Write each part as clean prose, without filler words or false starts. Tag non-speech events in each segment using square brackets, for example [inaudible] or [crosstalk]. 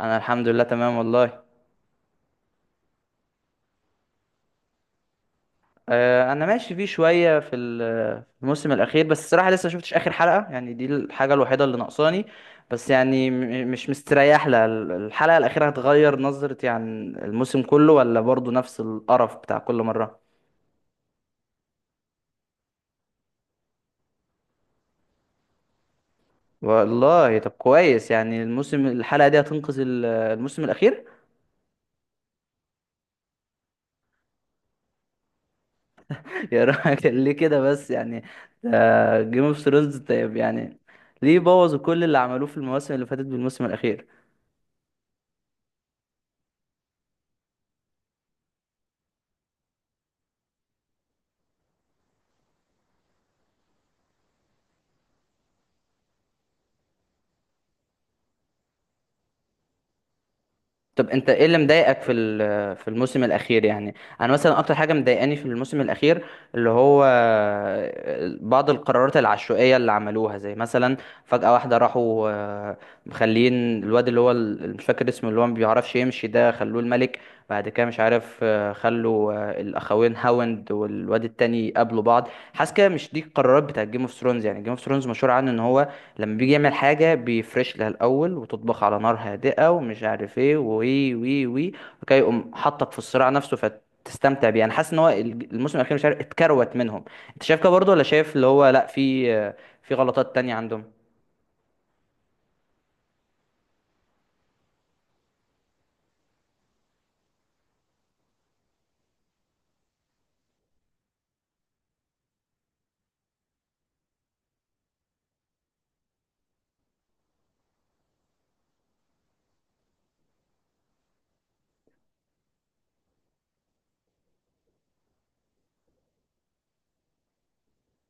انا الحمد لله تمام والله. آه، انا ماشي فيه شويه في في الموسم الاخير، بس الصراحه لسه ما شفتش اخر حلقه، يعني دي الحاجه الوحيده اللي ناقصاني. بس يعني مش مستريح لها، الحلقه الاخيره هتغير نظرتي عن الموسم كله، ولا برضو نفس القرف بتاع كل مره؟ والله طب كويس، يعني الموسم الحلقه دي هتنقذ الموسم الاخير. [laughs] يا راجل ليه كده بس يعني؟ جيم اوف ثرونز طيب يعني. ليه بوظوا كل اللي عملوه في المواسم اللي فاتت بالموسم الاخير؟ طب انت ايه اللي مضايقك في في الموسم الاخير يعني؟ انا مثلا اكتر حاجه مضايقاني في الموسم الاخير، اللي هو بعض القرارات العشوائيه اللي عملوها. زي مثلا فجاه واحده راحوا مخلين الواد اللي هو مش فاكر اسمه، اللي هو ما بيعرفش يمشي ده، خلوه الملك. بعد كده مش عارف، خلوا الاخوين هاوند والواد التاني يقابلوا بعض. حاسس كده مش دي القرارات بتاعت جيم اوف ثرونز، يعني جيم اوف ثرونز مشهور عنه ان هو لما بيجي يعمل حاجة بيفرش لها الأول وتطبخ على نار هادئة ومش عارف ايه وي وي وي. وكي يقوم حطك في الصراع نفسه فتستمتع بيه. أنا حاسس إن هو الموسم الأخير مش عارف اتكروت منهم. أنت شايف كده برضه، ولا شايف اللي هو لأ، في غلطات تانية عندهم؟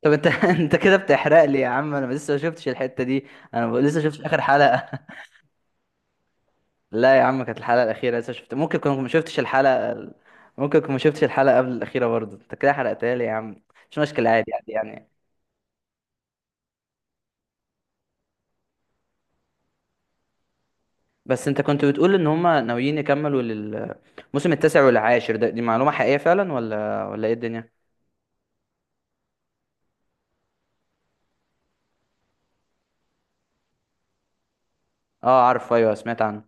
طب أنت [laughs] أنت كده بتحرق لي يا عم، أنا لسه ما شفتش الحتة دي. أنا لسه ما شفتش آخر حلقة. [laughs] لا يا عم كانت الحلقة الأخيرة. لسه شفت، ممكن كنت ما شفتش الحلقة، ممكن كنت ما شفتش الحلقة قبل الأخيرة برضه. أنت كده حرقتها لي يا عم. مش مشكلة، عادي عادي يعني. بس انت كنت بتقول ان هما ناويين يكملوا للموسم التاسع والعاشر ده، دي معلومة حقيقية فعلا ولا ايه الدنيا؟ اه عارف، ايوه سمعت عنه.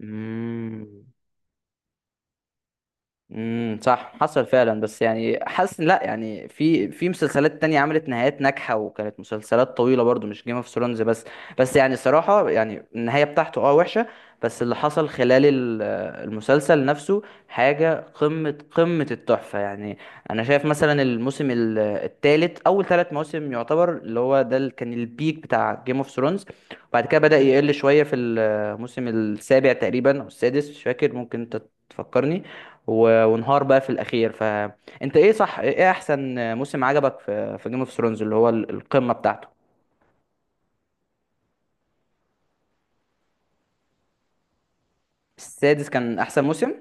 مم. صح، حصل فعلا. بس يعني حاسس لا، يعني في مسلسلات تانية عملت نهايات ناجحة وكانت مسلسلات طويلة برضو، مش جيم اوف ثرونز بس. بس يعني صراحة يعني النهاية بتاعته وحشة، بس اللي حصل خلال المسلسل نفسه حاجة قمة قمة التحفة يعني. انا شايف مثلا الموسم التالت، اول 3 مواسم يعتبر اللي هو ده اللي كان البيك بتاع جيم اوف ثرونز. بعد كده بدأ يقل شوية في الموسم السابع تقريبا او السادس، مش فاكر، ممكن انت تفكرني. وانهار بقى في الاخير. فانت ايه، صح؟ ايه احسن موسم عجبك في جيم اوف ثرونز اللي هو القمه بتاعته؟ السادس كان احسن موسم.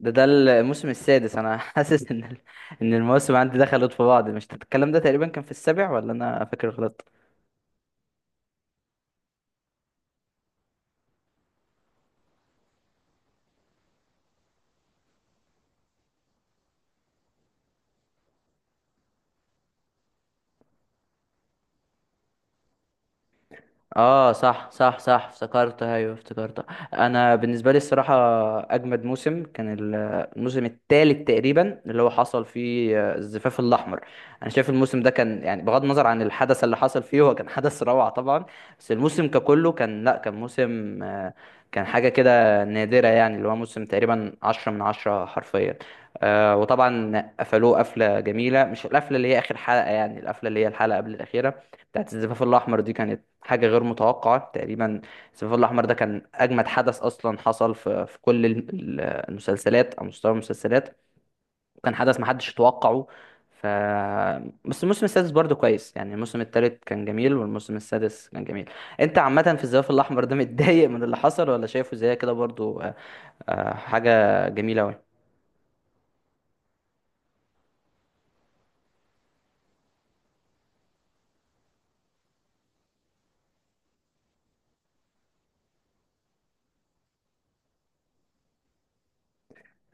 ده الموسم السادس، انا [laughs] حاسس ان المواسم عندي دخلت في بعض. مش الكلام ده تقريبا كان في السابع، ولا انا فاكر غلط؟ اه، صح صح صح، افتكرتها، ايوه افتكرتها. انا بالنسبه لي الصراحه اجمد موسم كان الموسم الثالث تقريبا، اللي هو حصل فيه الزفاف الاحمر. انا شايف الموسم ده كان، يعني بغض النظر عن الحدث اللي حصل فيه، هو كان [laughs] حدث روعه طبعا. بس الموسم ككله كان، لا كان موسم كان حاجه كده نادره، يعني اللي هو موسم تقريبا 10 من 10 حرفيا. وطبعا قفلوه قفله جميله، مش القفله اللي هي اخر حلقه يعني، القفله اللي هي الحلقه قبل الاخيره بتاعت الزفاف الأحمر دي كانت حاجة غير متوقعة تقريبا. الزفاف الأحمر ده كان أجمد حدث أصلا حصل في كل ال- المسلسلات، أو مستوى المسلسلات، وكان حدث محدش يتوقعه. ف بس الموسم السادس برضه كويس، يعني الموسم التالت كان جميل والموسم السادس كان جميل. أنت عامة في الزفاف الأحمر ده متضايق من اللي حصل، ولا شايفه زي كده برضه حاجة جميلة أوي؟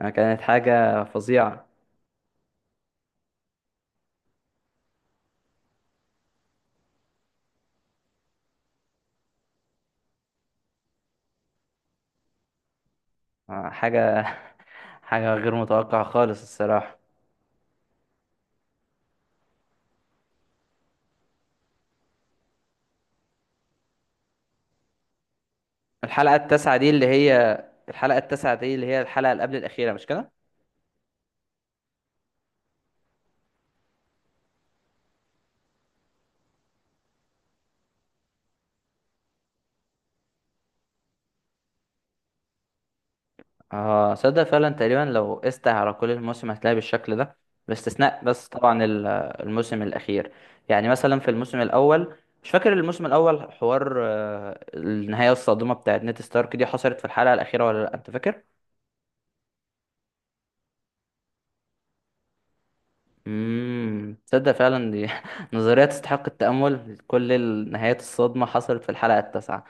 كانت حاجة فظيعة. آه، حاجة حاجة غير متوقعة خالص الصراحة. الحلقة التاسعة دي اللي هي الحلقة التاسعة دي اللي هي الحلقة اللي قبل الأخيرة مش كده؟ اه، صدق فعلا، تقريبا لو قست على كل الموسم هتلاقي بالشكل ده، باستثناء بس طبعا الموسم الأخير. يعني مثلا في الموسم الأول، مش فاكر الموسم الأول حوار، النهاية الصادمة بتاعت نيد ستارك دي حصلت في الحلقة الأخيرة ولا لأ، أنت فاكر؟ تصدق فعلا دي [laughs] نظرية تستحق التأمل، كل النهايات الصادمة حصلت في الحلقة التاسعة.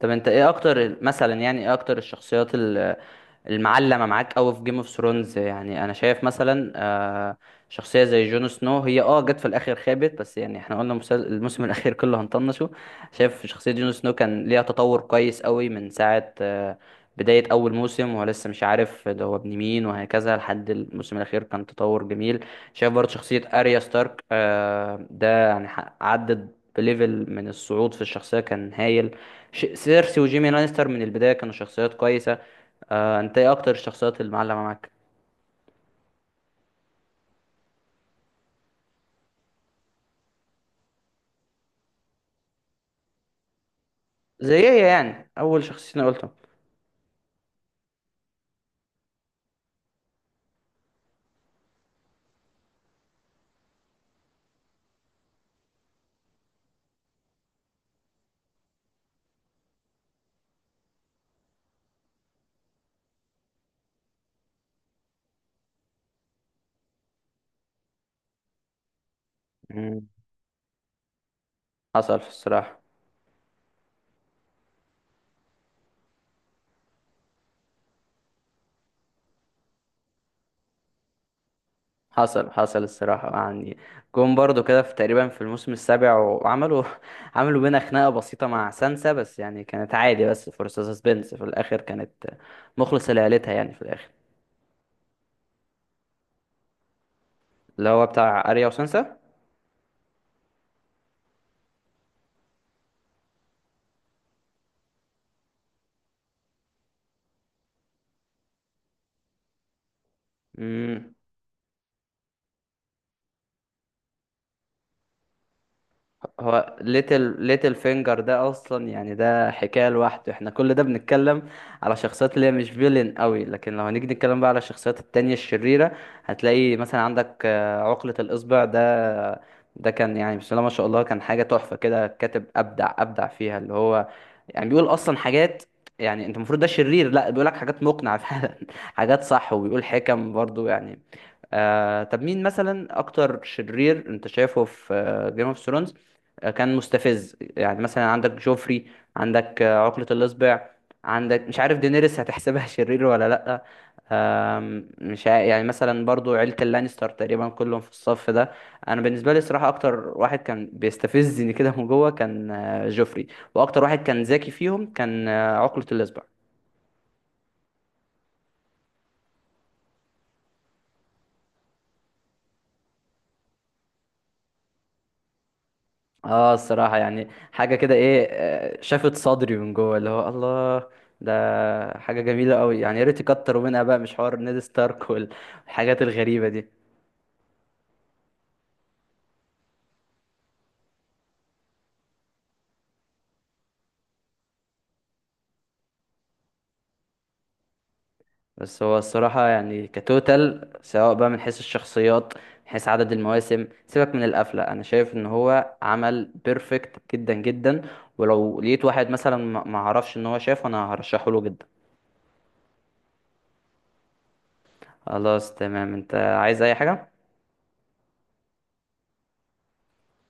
طب انت ايه اكتر الشخصيات المعلمة معاك قوي في جيم اوف ثرونز؟ يعني انا شايف مثلا شخصية زي جون سنو. هي جت في الاخر خابت، بس يعني احنا قلنا الموسم الاخير كله هنطنشه. شايف شخصية جون سنو كان ليها تطور كويس قوي من ساعة بداية اول موسم، وهو لسه مش عارف ده هو ابن مين وهكذا، لحد الموسم الاخير كان تطور جميل. شايف برضه شخصية اريا ستارك ده يعني عدت بليفل من الصعود في الشخصية كان هايل. سيرسي وجيمي لانستر من البداية كانوا شخصيات كويسة. انت ايه اكتر الشخصيات اللي معلمة معاك؟ زي ايه يعني اول شخصيتين قلتهم؟ مم. حصل في الصراحة. حصل الصراحة يعني، جم برضو كده في تقريبا في الموسم السابع، وعملوا [laughs] عملوا بينا خناقة بسيطة مع سانسا، بس يعني كانت عادي، بس فرصة سسبنس في الآخر كانت مخلصة لعيلتها يعني في الآخر، اللي هو بتاع أريا وسانسا. مم. هو ليتل فينجر ده اصلا، يعني ده حكايه لوحده. احنا كل ده بنتكلم على شخصيات اللي هي مش فيلن قوي، لكن لو هنيجي نتكلم بقى على الشخصيات التانية الشريره، هتلاقي مثلا عندك عقله الاصبع ده. ده كان يعني بسم الله ما شاء الله، كان حاجه تحفه كده، كاتب ابدع ابدع فيها، اللي هو يعني بيقول اصلا حاجات، يعني انت المفروض ده شرير، لا بيقول لك حاجات مقنعه [laughs] فعلا، حاجات صح، وبيقول حكم برضو يعني. طب مين مثلا اكتر شرير انت شايفه في جيم اوف ثرونز كان مستفز؟ يعني مثلا عندك جوفري، عندك عقلة الإصبع، عندك مش عارف دينيريس هتحسبها [laughs] شرير ولا لأ؟ مش عا- يعني مثلا برضو عيلة اللانستر تقريبا كلهم في الصف ده. أنا بالنسبة لي صراحة أكتر واحد كان بيستفزني كده من جوه كان جوفري، وأكتر واحد كان ذكي فيهم كان عقلة الإصبع. اه الصراحة يعني حاجة كده ايه، شافت صدري من جوه اللي هو الله. ده حاجة جميلة قوي يعني، يا ريت يكتروا منها بقى، مش حوار نيد ستارك والحاجات الغريبة دي. بس هو الصراحة يعني كتوتال، سواء بقى من حيث الشخصيات من حيث عدد المواسم، سيبك من القفلة، انا شايف ان هو عمل بيرفكت جدا جدا، ولو لقيت واحد مثلا ما عرفش ان هو شافه انا هرشحه له جدا. خلاص تمام، انت عايز اي حاجة؟